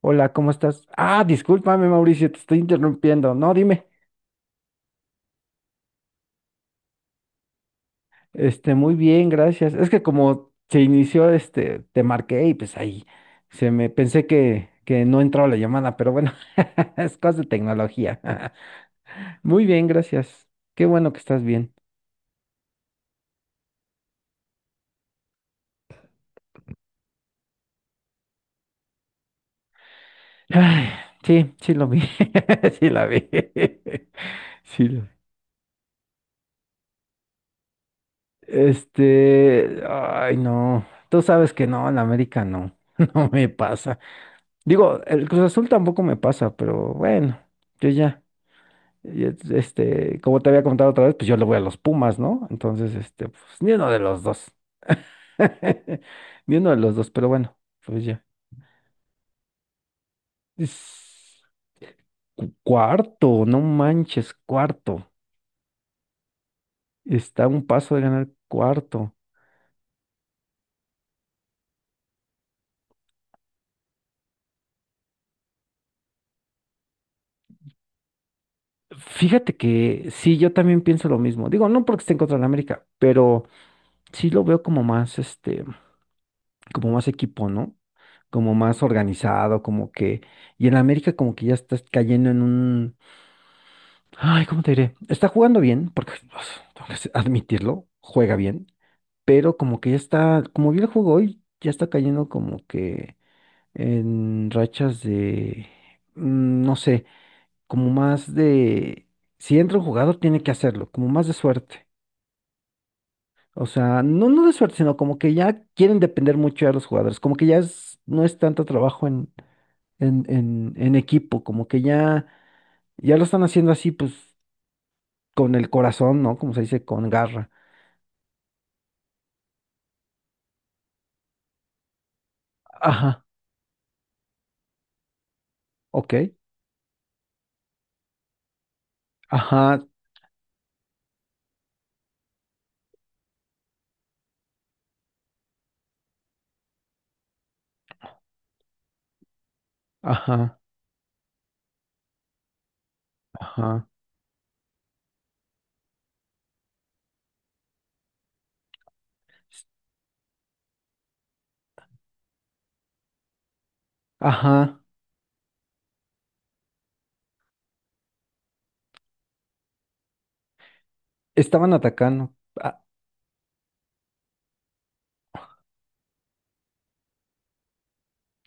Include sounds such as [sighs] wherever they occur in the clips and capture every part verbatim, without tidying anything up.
Hola, ¿cómo estás? Ah, discúlpame, Mauricio, te estoy interrumpiendo. No, dime. Este, muy bien, gracias. Es que como se inició, este, te marqué y pues ahí se me pensé que, que no entraba la llamada, pero bueno, [laughs] es cosa de tecnología. [laughs] Muy bien, gracias. Qué bueno que estás bien. Ay, sí, sí lo vi. [laughs] Sí la vi. [laughs] Sí lo vi. Este, ay, no. Tú sabes que no, en la América no. [laughs] No me pasa. Digo, el Cruz Azul tampoco me pasa, pero bueno, yo ya, y es- este, como te había comentado otra vez, pues yo le voy a los Pumas, ¿no? Entonces, este, pues ni uno de los dos. [laughs] Ni uno de los dos, pero bueno, pues ya. Es cu- cuarto, no manches, cuarto. Está a un paso de ganar cuarto. Fíjate que sí, yo también pienso lo mismo. Digo, no porque esté en contra de la América, pero sí lo veo como más, este. como más equipo, ¿no? Como más organizado, como que... Y en América como que ya estás cayendo en un... Ay, ¿cómo te diré? Está jugando bien, porque [sighs] tengo que [laughs] admitirlo, juega bien, pero como que ya está, como vi el juego hoy, ya está cayendo como que en rachas de... mm, No sé, como más de... Si entra un jugador, tiene que hacerlo, como más de suerte. O sea, no, no de suerte, sino como que ya quieren depender mucho de los jugadores, como que ya es- no es tanto trabajo en en, en, en equipo, como que ya, ya lo están haciendo así, pues, con el corazón, ¿no? Como se dice, con garra. Ajá, ok, ajá, ajá, ajá, s- ajá. Estaban atacando. a-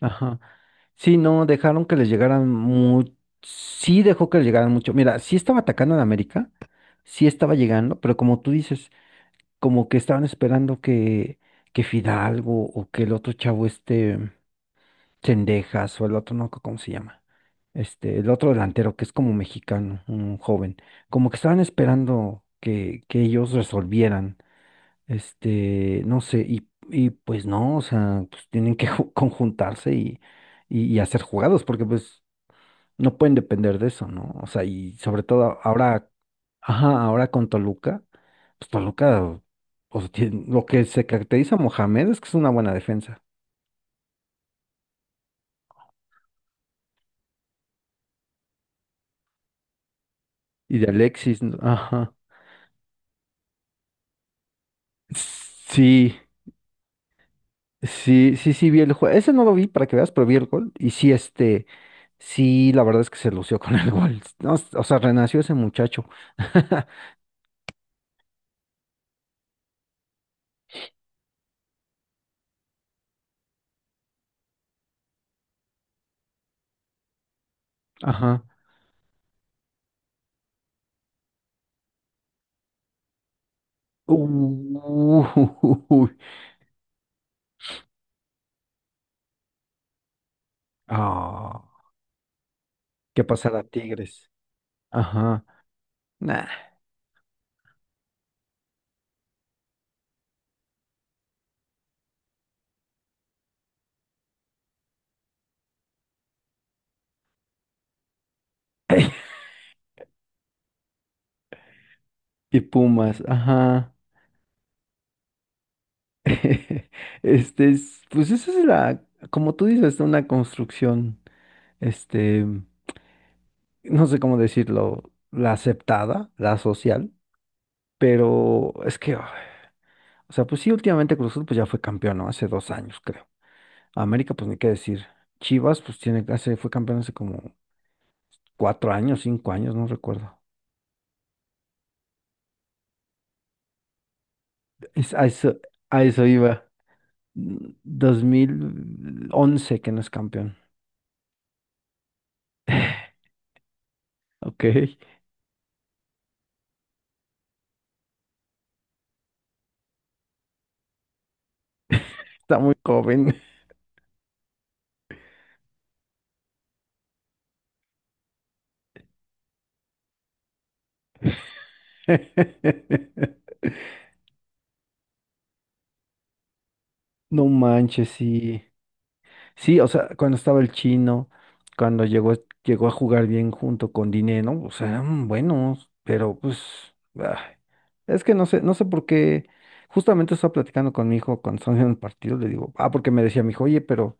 Ajá. Sí, no, dejaron que les llegaran mucho. Sí dejó que les llegaran mucho. Mira, sí estaba atacando en América, sí estaba llegando, pero como tú dices, como que estaban esperando que, que Fidalgo o que el otro chavo este. Cendejas o el otro, no, me acuerdo, ¿cómo se llama? Este, el otro delantero que es como mexicano, un joven. Como que estaban esperando que, que ellos resolvieran. Este, no sé, y, y pues no, o sea, pues tienen que ju- conjuntarse y, y, y hacer jugados, porque pues no pueden depender de eso, ¿no? O sea, y sobre todo ahora, ajá, ahora con Toluca, pues Toluca, o sea, tiene- lo que se caracteriza a Mohamed es que es una buena defensa. Y de Alexis, ¿no? Ajá. Sí, sí, sí, sí, vi el juego. Ese no lo vi para que veas, pero vi el gol. Y sí, este, sí, la verdad es que se lució con el gol. No, o sea, renació ese muchacho. [laughs] Ajá. Uy. Ah, ¿qué pasará, Tigres? Ajá. Nah. [laughs] Y Pumas, ajá. [laughs] Este es, pues esa es la, como tú dices, una construcción, este, no sé cómo decirlo, la aceptada, la social. Pero es que, ay, o sea, pues sí, últimamente Cruz Azul pues ya fue campeón, ¿no? Hace dos años, creo. América, pues ni qué decir. Chivas, pues tiene, hace, fue campeón hace como cuatro años, cinco años, no recuerdo. Es- a eso, a eso iba. Mm, dos mil once que no es campeón. Ok, [laughs] está muy joven. [laughs] No manches, sí. Sí, o sea, cuando estaba el chino, cuando llegó, llegó a jugar bien junto con Dineno, o sea, eran buenos, pero pues, ay, es que no sé, no sé por qué. Justamente estaba platicando con mi hijo cuando estábamos en el partido, le digo, ah, porque me decía mi hijo, oye, pero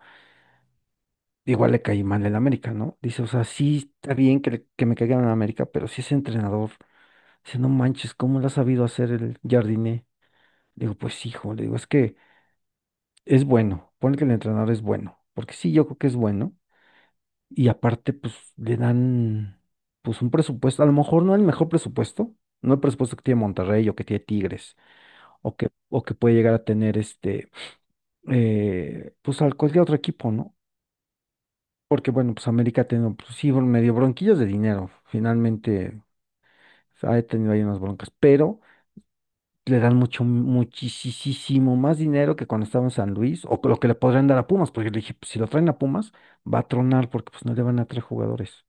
igual le caí mal en América, ¿no? Dice, o sea, sí está bien que, le- que me caigan en América, pero si ese entrenador, dice, no manches, ¿cómo lo ha sabido hacer el Jardiné? Digo, pues hijo, le digo, es que es bueno, pone que el entrenador es bueno, porque sí, yo creo que es bueno. Y aparte, pues le dan pues un presupuesto, a lo mejor no el mejor presupuesto, no el presupuesto que tiene Monterrey o que tiene Tigres o que, o que puede llegar a tener este, eh, pues al cualquier otro equipo, ¿no? Porque bueno, pues América ha tenido, pues sí, bueno, medio bronquillas de dinero, finalmente pues, ha tenido ahí unas broncas, pero le dan mucho, muchísimo más dinero que cuando estaba en San Luis o que lo que le podrían dar a Pumas, porque le dije, pues, si lo traen a Pumas, va a tronar porque pues no le van a traer jugadores.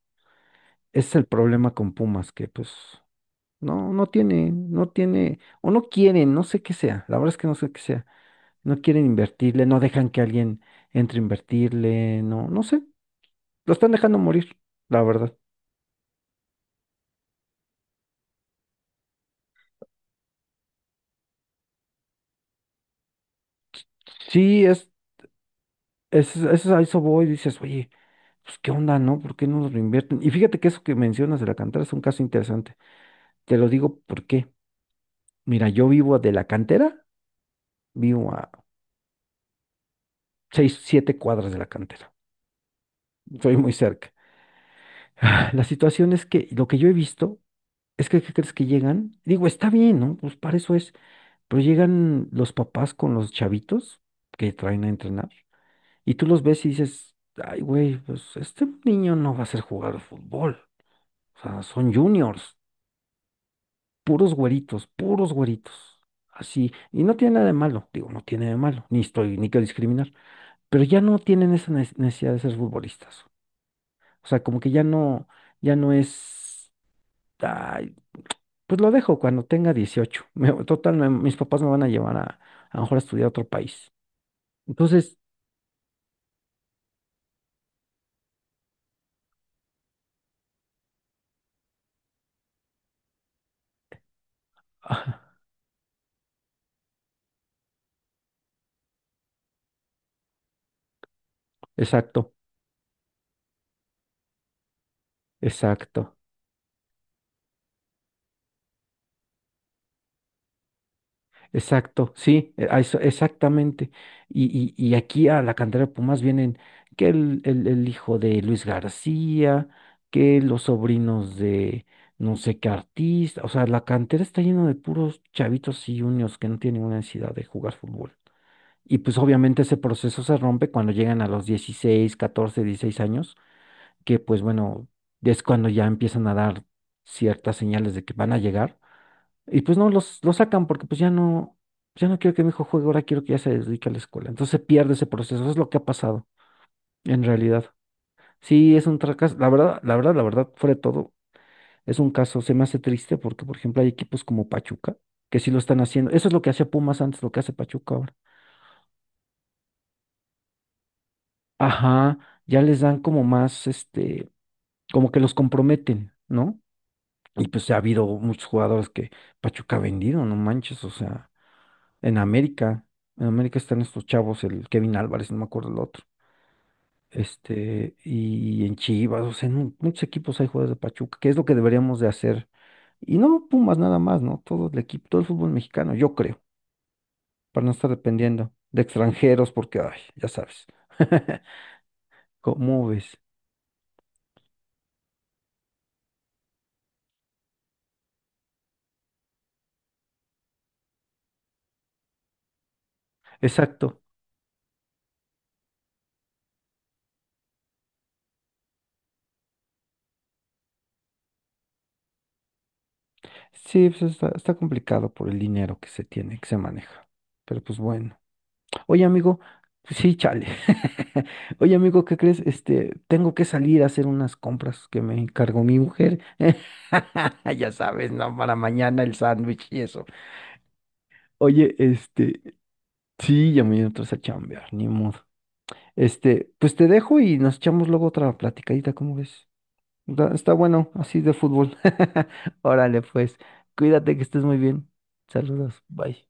Ese es el problema con Pumas, que pues no, no tiene, no tiene, o no quieren, no sé qué sea, la verdad es que no sé qué sea, no quieren invertirle, no dejan que alguien entre a invertirle, no, no sé, lo están dejando morir, la verdad. Sí, es, es, es a eso voy, dices, oye, pues qué onda, ¿no? ¿Por qué no nos lo invierten? Y fíjate que eso que mencionas de la cantera es un caso interesante, te lo digo porque, mira, yo vivo de la cantera, vivo a seis, siete cuadras de la cantera, soy muy cerca. Ah, la situación es que lo que yo he visto es que, ¿qué crees que llegan? Digo, está bien, ¿no? Pues para eso es. Pero llegan los papás con los chavitos que traen a entrenar y tú los ves y dices, ay, güey, pues este niño no va a ser jugar fútbol. O sea, son juniors, puros güeritos, puros güeritos. Así. Y no tiene nada de malo, digo, no tiene nada de malo, ni estoy, ni quiero discriminar. Pero ya no tienen esa ne- necesidad de ser futbolistas. O sea, como que ya no, ya no es. Pues lo dejo cuando tenga dieciocho. Me- total, me- mis papás me van a llevar a, a lo mejor a estudiar a otro país. Entonces, ah, exacto, exacto, exacto, sí, e- a eso, exactamente. Y, y, y aquí a la cantera de Pumas vienen que el, el, el hijo de Luis García, que los sobrinos de no sé qué artista. O sea, la cantera está llena de puros chavitos y juniors que no tienen ninguna necesidad de jugar fútbol. Y pues obviamente ese proceso se rompe cuando llegan a los dieciséis, catorce, dieciséis años que pues bueno, es cuando ya empiezan a dar ciertas señales de que van a llegar. Y pues no, los, los sacan porque pues ya no, ya no quiero que mi hijo juegue, ahora quiero que ya se dedique a la escuela. Entonces se pierde ese proceso, es lo que ha pasado en realidad. Sí, es un fracaso, la verdad, la verdad, la verdad, fuera de todo, es un caso, se me hace triste porque, por ejemplo, hay equipos como Pachuca que sí lo están haciendo. Eso es lo que hacía Pumas antes, lo que hace Pachuca ahora. Ajá, ya les dan como más, este, como que los comprometen, ¿no? Y pues ha habido muchos jugadores que Pachuca ha vendido, no manches, o sea, en América, en América están estos chavos, el Kevin Álvarez, no me acuerdo el otro, este, y en Chivas, o sea, en mu- muchos equipos hay jugadores de Pachuca, que es lo que deberíamos de hacer. Y no Pumas nada más, ¿no? Todo el equipo, todo el fútbol mexicano, yo creo, para no estar dependiendo de extranjeros, porque, ay, ya sabes, [laughs] ¿cómo ves? Exacto. Sí, pues está, está complicado por el dinero que se tiene, que se maneja. Pero pues bueno. Oye, amigo, sí, chale. [laughs] Oye, amigo, ¿qué crees? Este, tengo que salir a hacer unas compras que me encargó mi mujer. [laughs] Ya sabes, no, para mañana el sándwich y eso. Oye, este, sí, ya me entras a chambear, ni modo. Este, pues te dejo y nos echamos luego otra platicadita, ¿cómo ves? Da- Está bueno, así de fútbol. [laughs] Órale, pues, cuídate que estés muy bien. Saludos, bye.